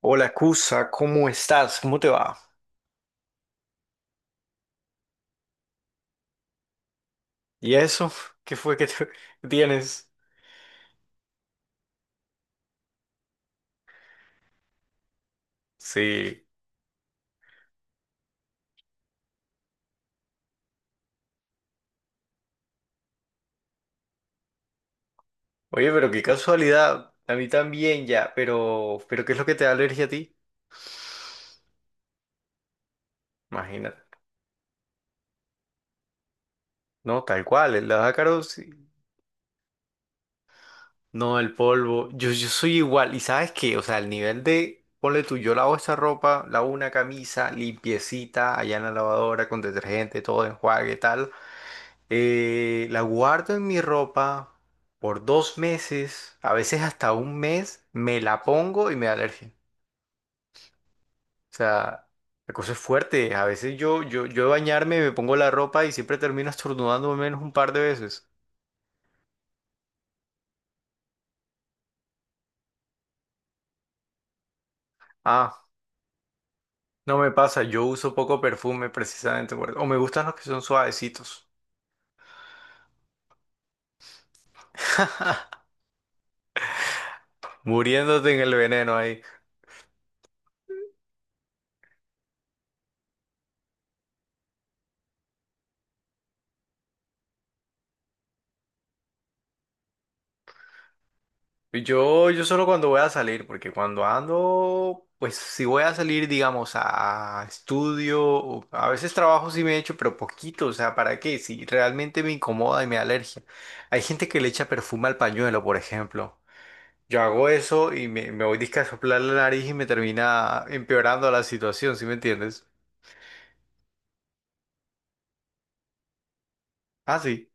Hola, Cusa, ¿cómo estás? ¿Cómo te va? ¿Y eso? ¿Qué fue que tienes? Sí. Oye, pero qué casualidad. A mí también ya, pero ¿qué es lo que te da alergia a ti? Imagínate. No, tal cual, los ácaros, sí. No, el polvo. Yo soy igual. ¿Y sabes qué? O sea, el nivel de, ponle tú, yo lavo esta ropa, lavo una camisa, limpiecita, allá en la lavadora, con detergente, todo enjuague, tal. La guardo en mi ropa por 2 meses, a veces hasta un mes, me la pongo y me da alergia. O sea, la cosa es fuerte. A veces yo de bañarme me pongo la ropa y siempre termino estornudando al menos un par de veces. Ah, no me pasa, yo uso poco perfume precisamente o me gustan los que son suavecitos. Muriéndote en el veneno ahí. Yo solo cuando voy a salir, porque cuando ando, pues si voy a salir, digamos, a estudio, a veces trabajo sí me echo, pero poquito, o sea, ¿para qué? Si realmente me incomoda y me da alergia. Hay gente que le echa perfume al pañuelo, por ejemplo. Yo hago eso y me voy disque a soplar la nariz y me termina empeorando la situación, ¿sí me entiendes? Ah, sí.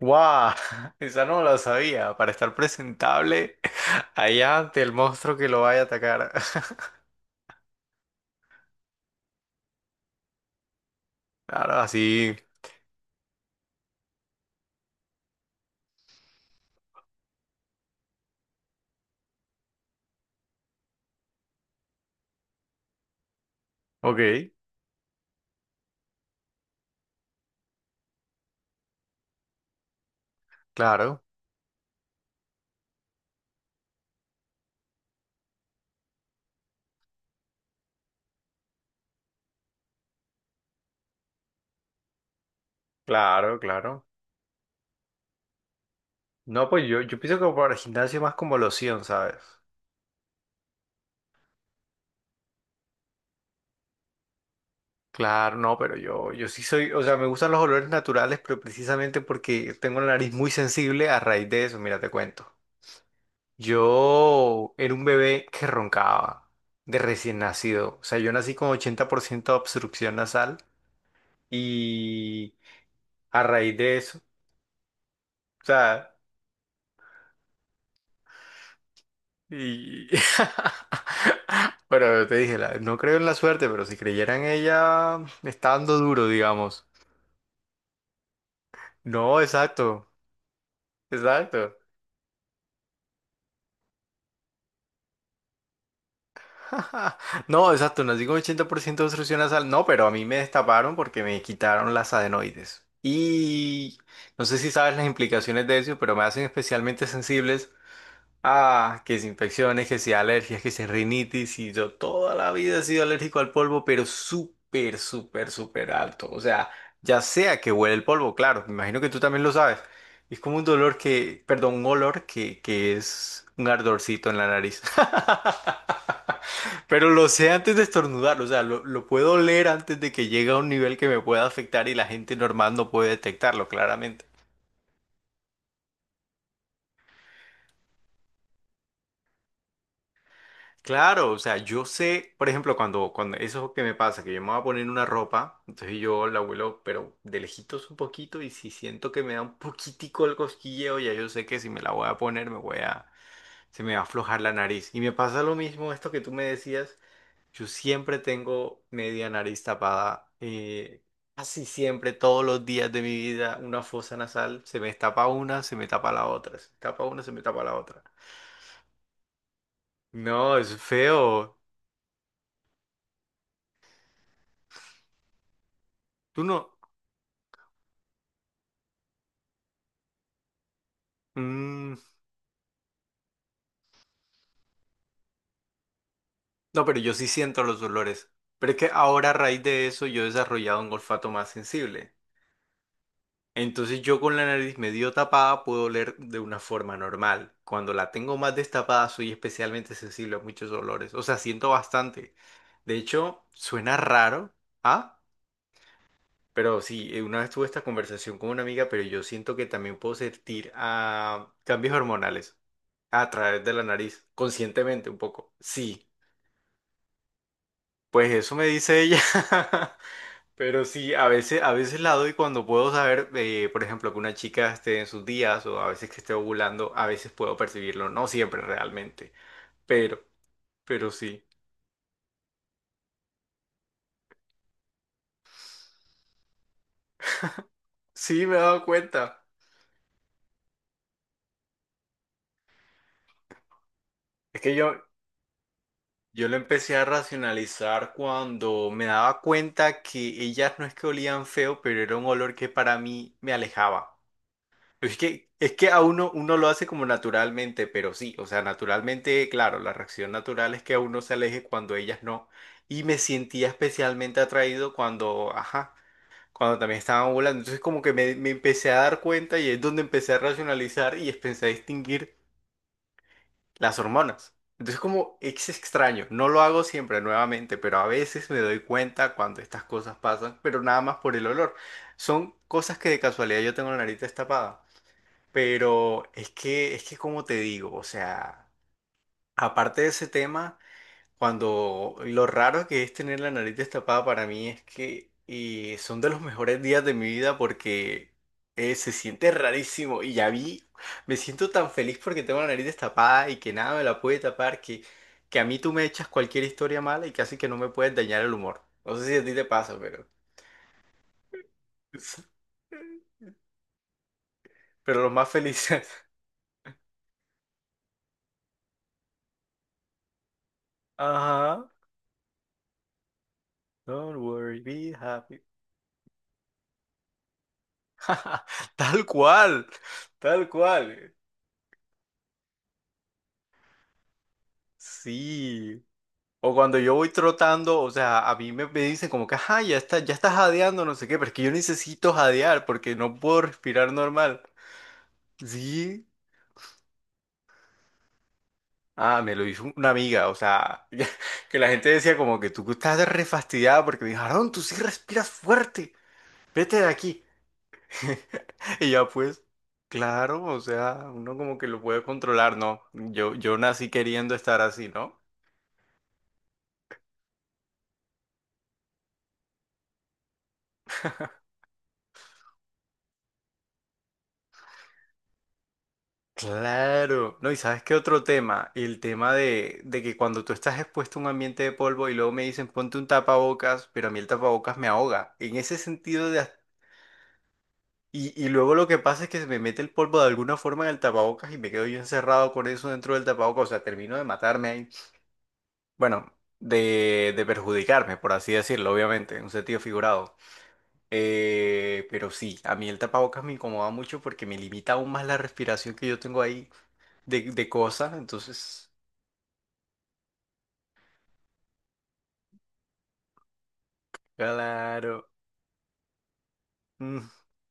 ¡Guau! Esa no la sabía, para estar presentable allá ante el monstruo que lo vaya a atacar. Claro, así. Ok. Claro, claro, claro. No, pues yo pienso que para el gimnasio más como loción, ¿sabes? Claro, no, pero yo sí soy, o sea, me gustan los olores naturales, pero precisamente porque tengo la nariz muy sensible a raíz de eso, mira, te cuento. Yo era un bebé que roncaba de recién nacido, o sea, yo nací con 80% de obstrucción nasal y a raíz de eso, o sea... Y... Pero te dije, no creo en la suerte, pero si creyera en ella, está dando duro, digamos. No, exacto, exacto. No, exacto, nací con 80% de obstrucción nasal. No, pero a mí me destaparon porque me quitaron las adenoides. Y no sé si sabes las implicaciones de eso, pero me hacen especialmente sensibles. Ah, que si infecciones, que si alergias, que si rinitis, y yo toda la vida he sido alérgico al polvo, pero súper, súper, súper alto. O sea, ya sea que huele el polvo, claro, me imagino que tú también lo sabes. Es como un dolor que, perdón, un olor que es un ardorcito en la nariz. Pero lo sé antes de estornudar, o sea, lo puedo oler antes de que llegue a un nivel que me pueda afectar y la gente normal no puede detectarlo, claramente. Claro, o sea, yo sé, por ejemplo, cuando eso que me pasa, que yo me voy a poner una ropa, entonces yo la vuelo, pero de lejitos un poquito, y si siento que me da un poquitico el cosquilleo, ya yo sé que si me la voy a poner, me voy a, se me va a aflojar la nariz. Y me pasa lo mismo, esto que tú me decías, yo siempre tengo media nariz tapada, casi siempre, todos los días de mi vida, una fosa nasal, se me tapa una, se me tapa la otra, se me tapa una, se me tapa la otra. No, es feo. Tú no. Mm, no, pero yo sí siento los dolores. Pero es que ahora a raíz de eso yo he desarrollado un olfato más sensible. Entonces yo con la nariz medio tapada puedo oler de una forma normal. Cuando la tengo más destapada soy especialmente sensible a muchos olores. O sea, siento bastante. De hecho, suena raro, ¿ah? Pero sí, una vez tuve esta conversación con una amiga, pero yo siento que también puedo sentir cambios hormonales a través de la nariz, conscientemente un poco. Sí, pues eso me dice ella. Pero sí, a veces la doy cuando puedo saber, por ejemplo, que una chica esté en sus días o a veces que esté ovulando, a veces puedo percibirlo, no siempre realmente, pero, pero sí, sí me he dado cuenta. Es que yo lo empecé a racionalizar cuando me daba cuenta que ellas no es que olían feo, pero era un olor que para mí me alejaba. Es que a uno, uno lo hace como naturalmente, pero sí, o sea, naturalmente, claro, la reacción natural es que a uno se aleje cuando ellas no. Y me sentía especialmente atraído cuando, ajá, cuando también estaban volando. Entonces como que me empecé a dar cuenta y es donde empecé a racionalizar y empecé a distinguir las hormonas. Entonces como es extraño, no lo hago siempre nuevamente, pero a veces me doy cuenta cuando estas cosas pasan, pero nada más por el olor. Son cosas que de casualidad yo tengo la nariz destapada. Pero es que como te digo, o sea, aparte de ese tema, cuando lo raro que es tener la nariz destapada para mí es que son de los mejores días de mi vida porque se siente rarísimo y ya vi, me siento tan feliz porque tengo la nariz destapada y que nada me la puede tapar, que a mí tú me echas cualquier historia mala y casi que no me puedes dañar el humor. No sé si a ti te pasa, pero... Pero los más felices. Ajá. Don't worry, be happy. Tal cual, tal cual. Sí. O cuando yo voy trotando, o sea, a mí me dicen como que, ajá, ya está, ya estás jadeando, no sé qué, pero es que yo necesito jadear porque no puedo respirar normal. Sí. Ah, me lo hizo una amiga, o sea, que la gente decía como que tú estás refastidiada porque me dijo, Aarón, tú sí respiras fuerte, vete de aquí. Y ya pues, claro, o sea, uno como que lo puede controlar, ¿no? Yo nací queriendo estar así, ¿no? Claro, no, y sabes qué otro tema, el tema de que cuando tú estás expuesto a un ambiente de polvo y luego me dicen ponte un tapabocas, pero a mí el tapabocas me ahoga. En ese sentido de... as- Y, y luego lo que pasa es que se me mete el polvo de alguna forma en el tapabocas y me quedo yo encerrado con eso dentro del tapabocas, o sea, termino de matarme ahí. Bueno, de perjudicarme, por así decirlo, obviamente, en un sentido figurado. Pero sí, a mí el tapabocas me incomoda mucho porque me limita aún más la respiración que yo tengo ahí de cosas, entonces... Claro. Mm.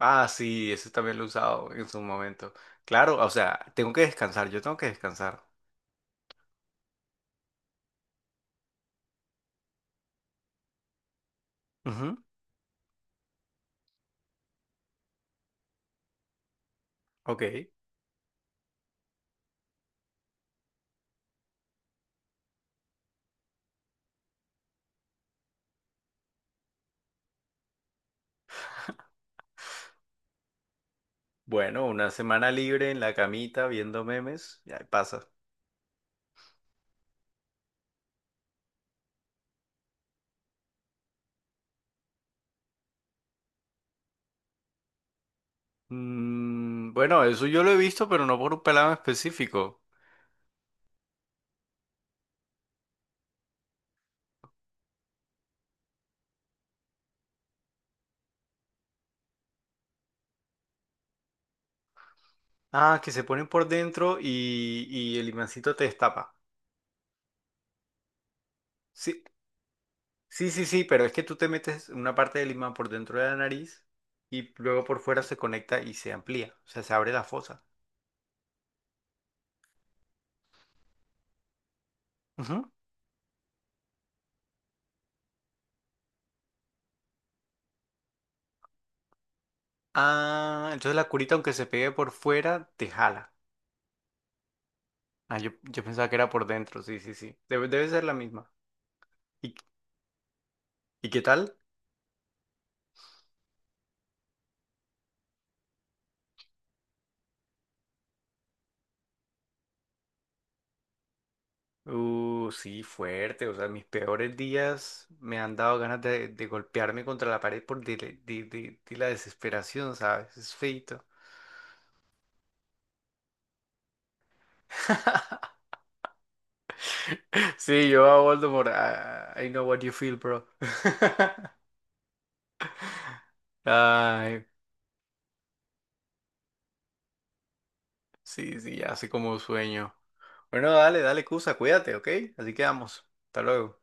Ah, sí, ese también lo he usado en su momento. Claro, o sea, tengo que descansar, yo tengo que descansar. Ujú, ok. Bueno, una semana libre en la camita viendo memes, ya pasa. Mm, bueno, eso yo lo he visto, pero no por un pelado en específico. Ah, que se ponen por dentro y el imancito te destapa. Sí, sí, sí, sí, pero es que tú te metes una parte del imán por dentro de la nariz y luego por fuera se conecta y se amplía, o sea, se abre la fosa. Ujú. Ah, entonces la curita, aunque se pegue por fuera, te jala. Ah, yo pensaba que era por dentro, sí, sí, sí. Debe ser la misma. ¿Y, y qué tal? Sí, fuerte. O sea, mis peores días me han dado ganas de golpearme contra la pared por de la desesperación, ¿sabes? Es feito. Sí, yo a Voldemort. I know what you feel, bro. Ay, sí, sí, hace como un sueño. Bueno, dale, dale, Cusa, cuídate, ¿ok? Así quedamos. Hasta luego.